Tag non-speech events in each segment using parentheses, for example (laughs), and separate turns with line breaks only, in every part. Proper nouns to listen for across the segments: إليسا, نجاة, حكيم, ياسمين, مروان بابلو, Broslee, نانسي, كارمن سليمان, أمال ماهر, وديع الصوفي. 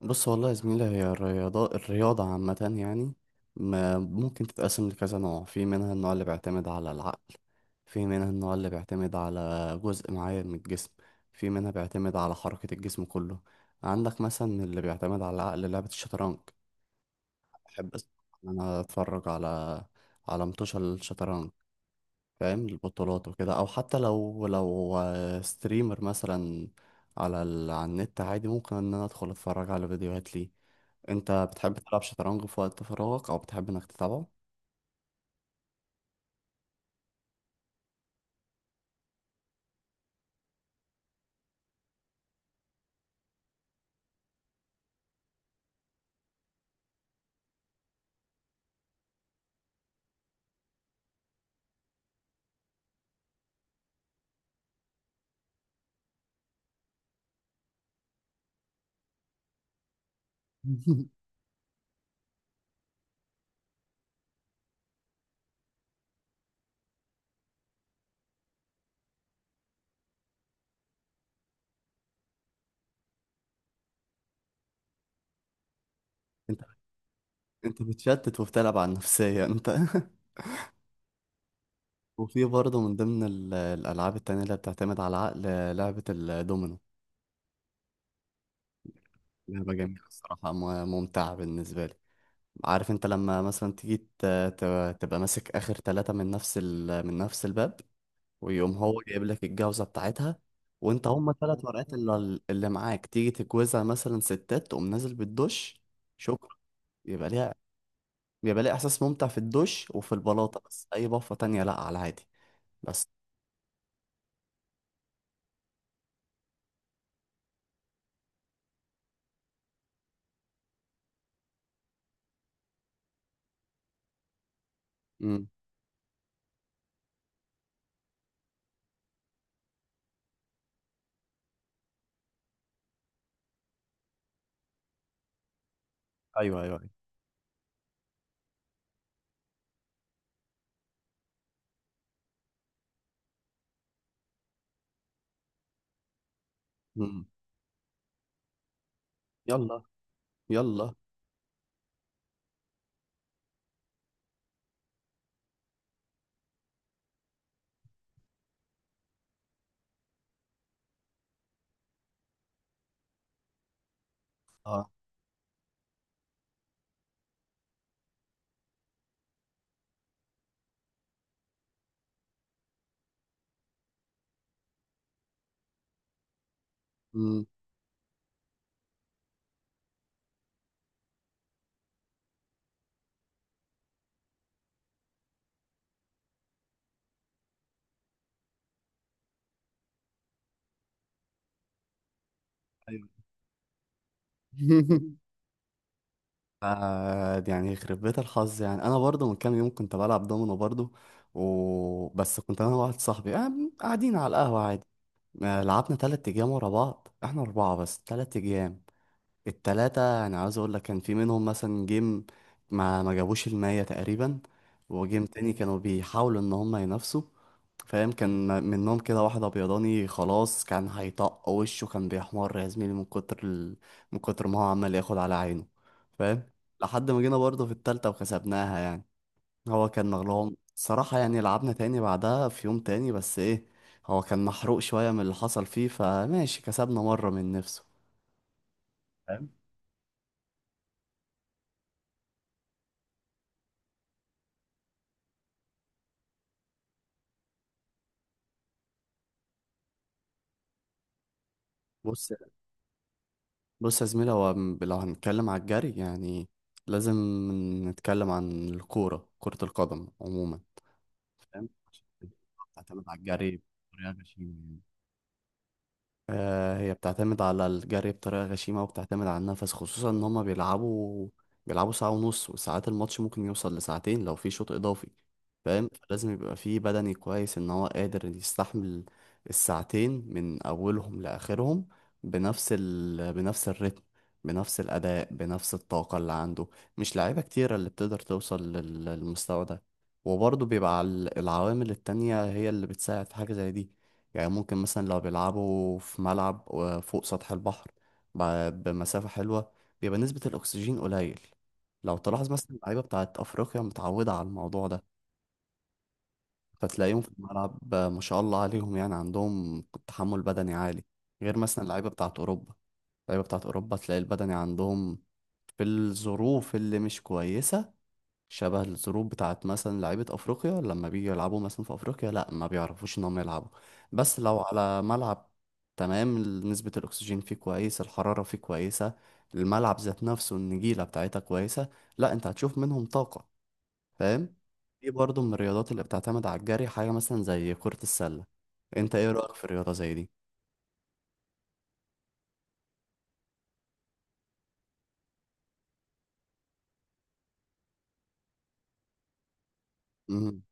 بص والله يا زميلي، هي الرياضة عامة يعني ما ممكن تتقسم لكذا نوع. في منها النوع اللي بيعتمد على العقل، في منها النوع اللي بيعتمد على جزء معين من الجسم، في منها بيعتمد على حركة الجسم كله. عندك مثلا اللي بيعتمد على العقل لعبة الشطرنج. بحب أس- أنا أتفرج على متوشة الشطرنج، فاهم، البطولات وكده، أو حتى لو ستريمر مثلا على النت عادي، ممكن إن أنا أدخل أتفرج على فيديوهات ليه. انت بتحب تلعب شطرنج في وقت فراغك، او بتحب انك تتابعه؟ (laughs) انت انت بتشتت وبتلعب على النفسية انت. (laughs) وفي برضه من ضمن الالعاب التانية اللي بتعتمد على العقل لعبة الدومينو. لعبة جميلة الصراحة، ممتعة بالنسبة لي. عارف انت لما مثلا تيجي تبقى ماسك اخر ثلاثة من من نفس الباب، ويقوم هو جايب لك الجوزة بتاعتها، وانت هما ثلاث ورقات اللي معاك، تيجي تجوزها مثلا ستات تقوم نازل بالدش. شكرا، يبقى ليها بيبقى ليه احساس ممتع في الدش وفي البلاطه، بس اي بفه تانية لا، على عادي. بس، امم، ايوه ايوه ايوه، امم، يلا يلا، اه، امم، ايوه. (laughs) آه، يعني يخرب بيت الحظ. يعني انا برضو من كام يوم كنت بلعب دومينو برضو بس، كنت انا واحد صاحبي، آه، قاعدين على القهوه عادي. آه، لعبنا 3 ايام ورا بعض، احنا اربعه، بس 3 ايام. التلاتة انا عاوز اقول لك كان في منهم مثلا جيم ما جابوش 100 تقريبا، وجيم تاني كانوا بيحاولوا ان هم ينافسوا، فاهم. كان منهم كده واحد ابيضاني خلاص، كان هيطق وشه، كان بيحمر يا زميلي من كتر ما هو عمال ياخد على عينه، فاهم. لحد ما جينا برضه في التالتة وكسبناها يعني. هو كان مغلوب صراحة. يعني لعبنا تاني بعدها في يوم تاني، بس ايه، هو كان محروق شوية من اللي حصل فيه، فماشي كسبنا مرة من نفسه. فاهم؟ بص بص يا زميلي، لو هنتكلم على الجري، يعني لازم نتكلم عن الكورة، كرة القدم عموما، فاهم، عشان تعتمد على الجري بطريقة غشيمة يعني. آه، هي بتعتمد على الجري بطريقة غشيمة، وبتعتمد على النفس، خصوصا ان هما بيلعبوا ساعة ونص، وساعات الماتش ممكن يوصل لساعتين لو في شوط اضافي. فاهم، فلازم يبقى فيه بدني كويس، ان هو قادر يستحمل الساعتين من اولهم لاخرهم بنفس الريتم، بنفس الاداء، بنفس الطاقة اللي عنده. مش لعيبة كتيرة اللي بتقدر توصل للمستوى ده. وبرضه بيبقى العوامل التانية هي اللي بتساعد في حاجة زي دي. يعني ممكن مثلا لو بيلعبوا في ملعب فوق سطح البحر بمسافة حلوة، بيبقى نسبة الأكسجين قليل. لو تلاحظ مثلا اللعيبة بتاعت أفريقيا متعودة على الموضوع ده، فتلاقيهم في الملعب ما شاء الله عليهم، يعني عندهم تحمل بدني عالي، غير مثلا اللعيبة بتاعت أوروبا. اللعيبة بتاعت أوروبا تلاقي البدني عندهم في الظروف اللي مش كويسة، شبه الظروف بتاعت مثلا لعيبة أفريقيا، لما بيجوا يلعبوا مثلا في أفريقيا لأ، ما بيعرفوش إن هم يلعبوا. بس لو على ملعب، تمام، نسبة الأكسجين فيه كويس، الحرارة فيه كويسة، الملعب ذات نفسه النجيلة بتاعتها كويسة، لأ، أنت هتشوف منهم طاقة، فاهم. دي برضه من الرياضات اللي بتعتمد على الجري. حاجة مثلا زي كرة السلة، أنت إيه رأيك في الرياضة زي دي؟ مم.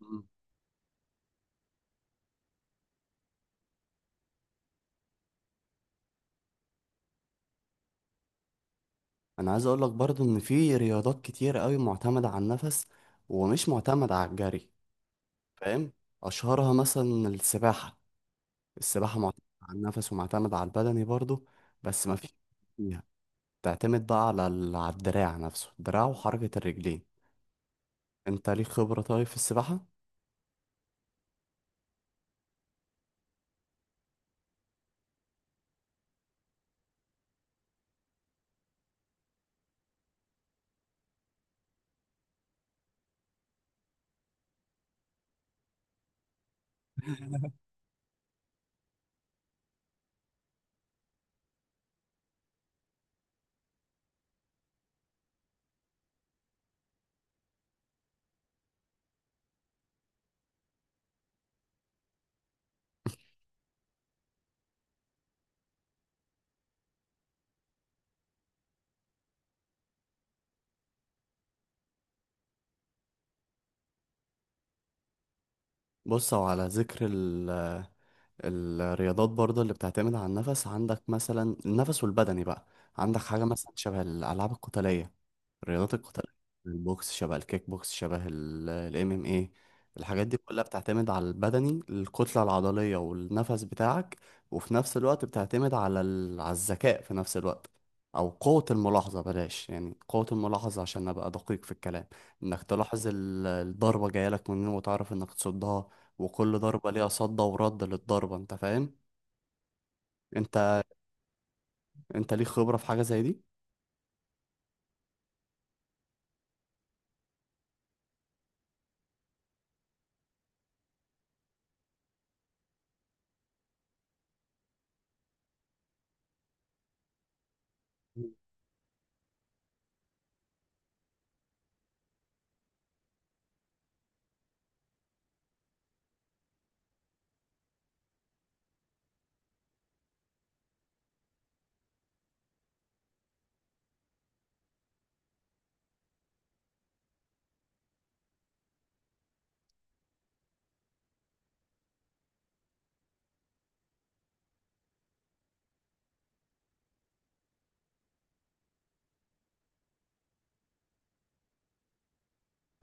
مم. أنا عايز أقولك برضه إن في رياضات كتير قوي معتمدة على النفس ومش معتمدة على الجري، فاهم. اشهرها مثلا السباحه. السباحه معتمده على النفس ومعتمده على البدني برضو، بس ما فيش فيها، تعتمد بقى على الدراع، نفسه الدراع وحركه الرجلين. انت ليك خبره طيب في السباحه؟ بص، هو على ذكر الرياضات برضه اللي بتعتمد على النفس، عندك مثلا النفس والبدني بقى، عندك حاجة مثلا شبه الألعاب القتالية، الرياضات القتالية، البوكس، شبه الكيك بوكس، شبه الام ام ايه. الحاجات دي كلها بتعتمد على البدني، الكتلة العضلية والنفس بتاعك، وفي نفس الوقت بتعتمد على الذكاء في نفس الوقت، او قوة الملاحظة، بلاش يعني قوة الملاحظة عشان ابقى دقيق في الكلام. انك تلاحظ الضربة جاية لك منين، وتعرف انك تصدها، وكل ضربة ليها صد ورد للضربة، انت فاهم. انت انت ليك خبرة في حاجة زي دي؟ مم.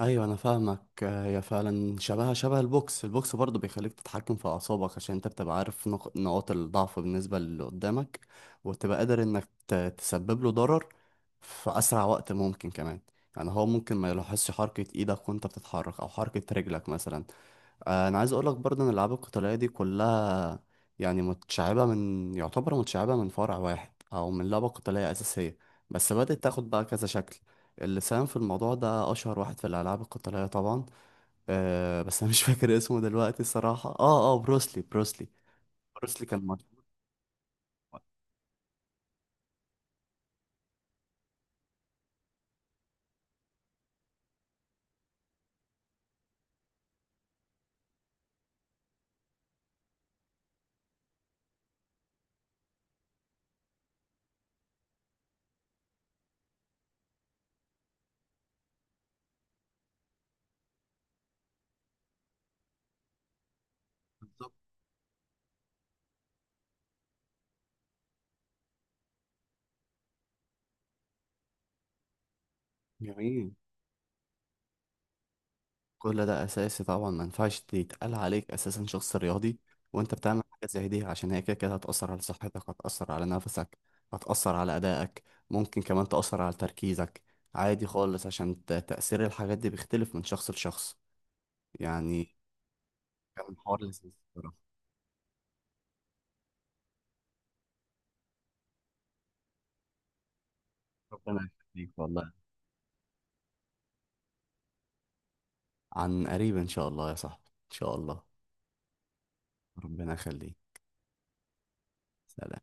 ايوه انا فاهمك. آه، هي فعلا شبهها شبه البوكس. البوكس برضه بيخليك تتحكم في اعصابك، عشان انت بتبقى عارف نقاط الضعف بالنسبه للي قدامك، وتبقى قادر انك تسبب له ضرر في اسرع وقت ممكن كمان. يعني هو ممكن ما يلاحظش حركه ايدك وانت بتتحرك، او حركه رجلك مثلا. آه، انا عايز اقول لك برضه ان الالعاب القتاليه دي كلها، يعني متشعبه من يعتبر متشعبه من فرع واحد، او من لعبه قتاليه اساسيه، بس بدات تاخد بقى كذا شكل. اللي ساهم في الموضوع ده اشهر واحد في الالعاب القتاليه طبعا، بس انا مش (laughs) فاكر اسمه دلوقتي الصراحه. اه بروسلي، بروسلي. بروسلي كان مشهور. بالظبط. جميل. كل ده اساسي طبعا، ما ينفعش يتقال عليك اساسا شخص رياضي وانت بتعمل حاجه زي دي، عشان هي كده كده هتاثر على صحتك، هتاثر على نفسك، هتاثر على ادائك، ممكن كمان تاثر على تركيزك. عادي خالص، عشان تاثير الحاجات دي بيختلف من شخص لشخص. يعني كان حوار لذيذ بصراحة. ربنا يخليك والله. عن قريب ان شاء الله يا صاحبي، ان شاء الله. ربنا يخليك. سلام.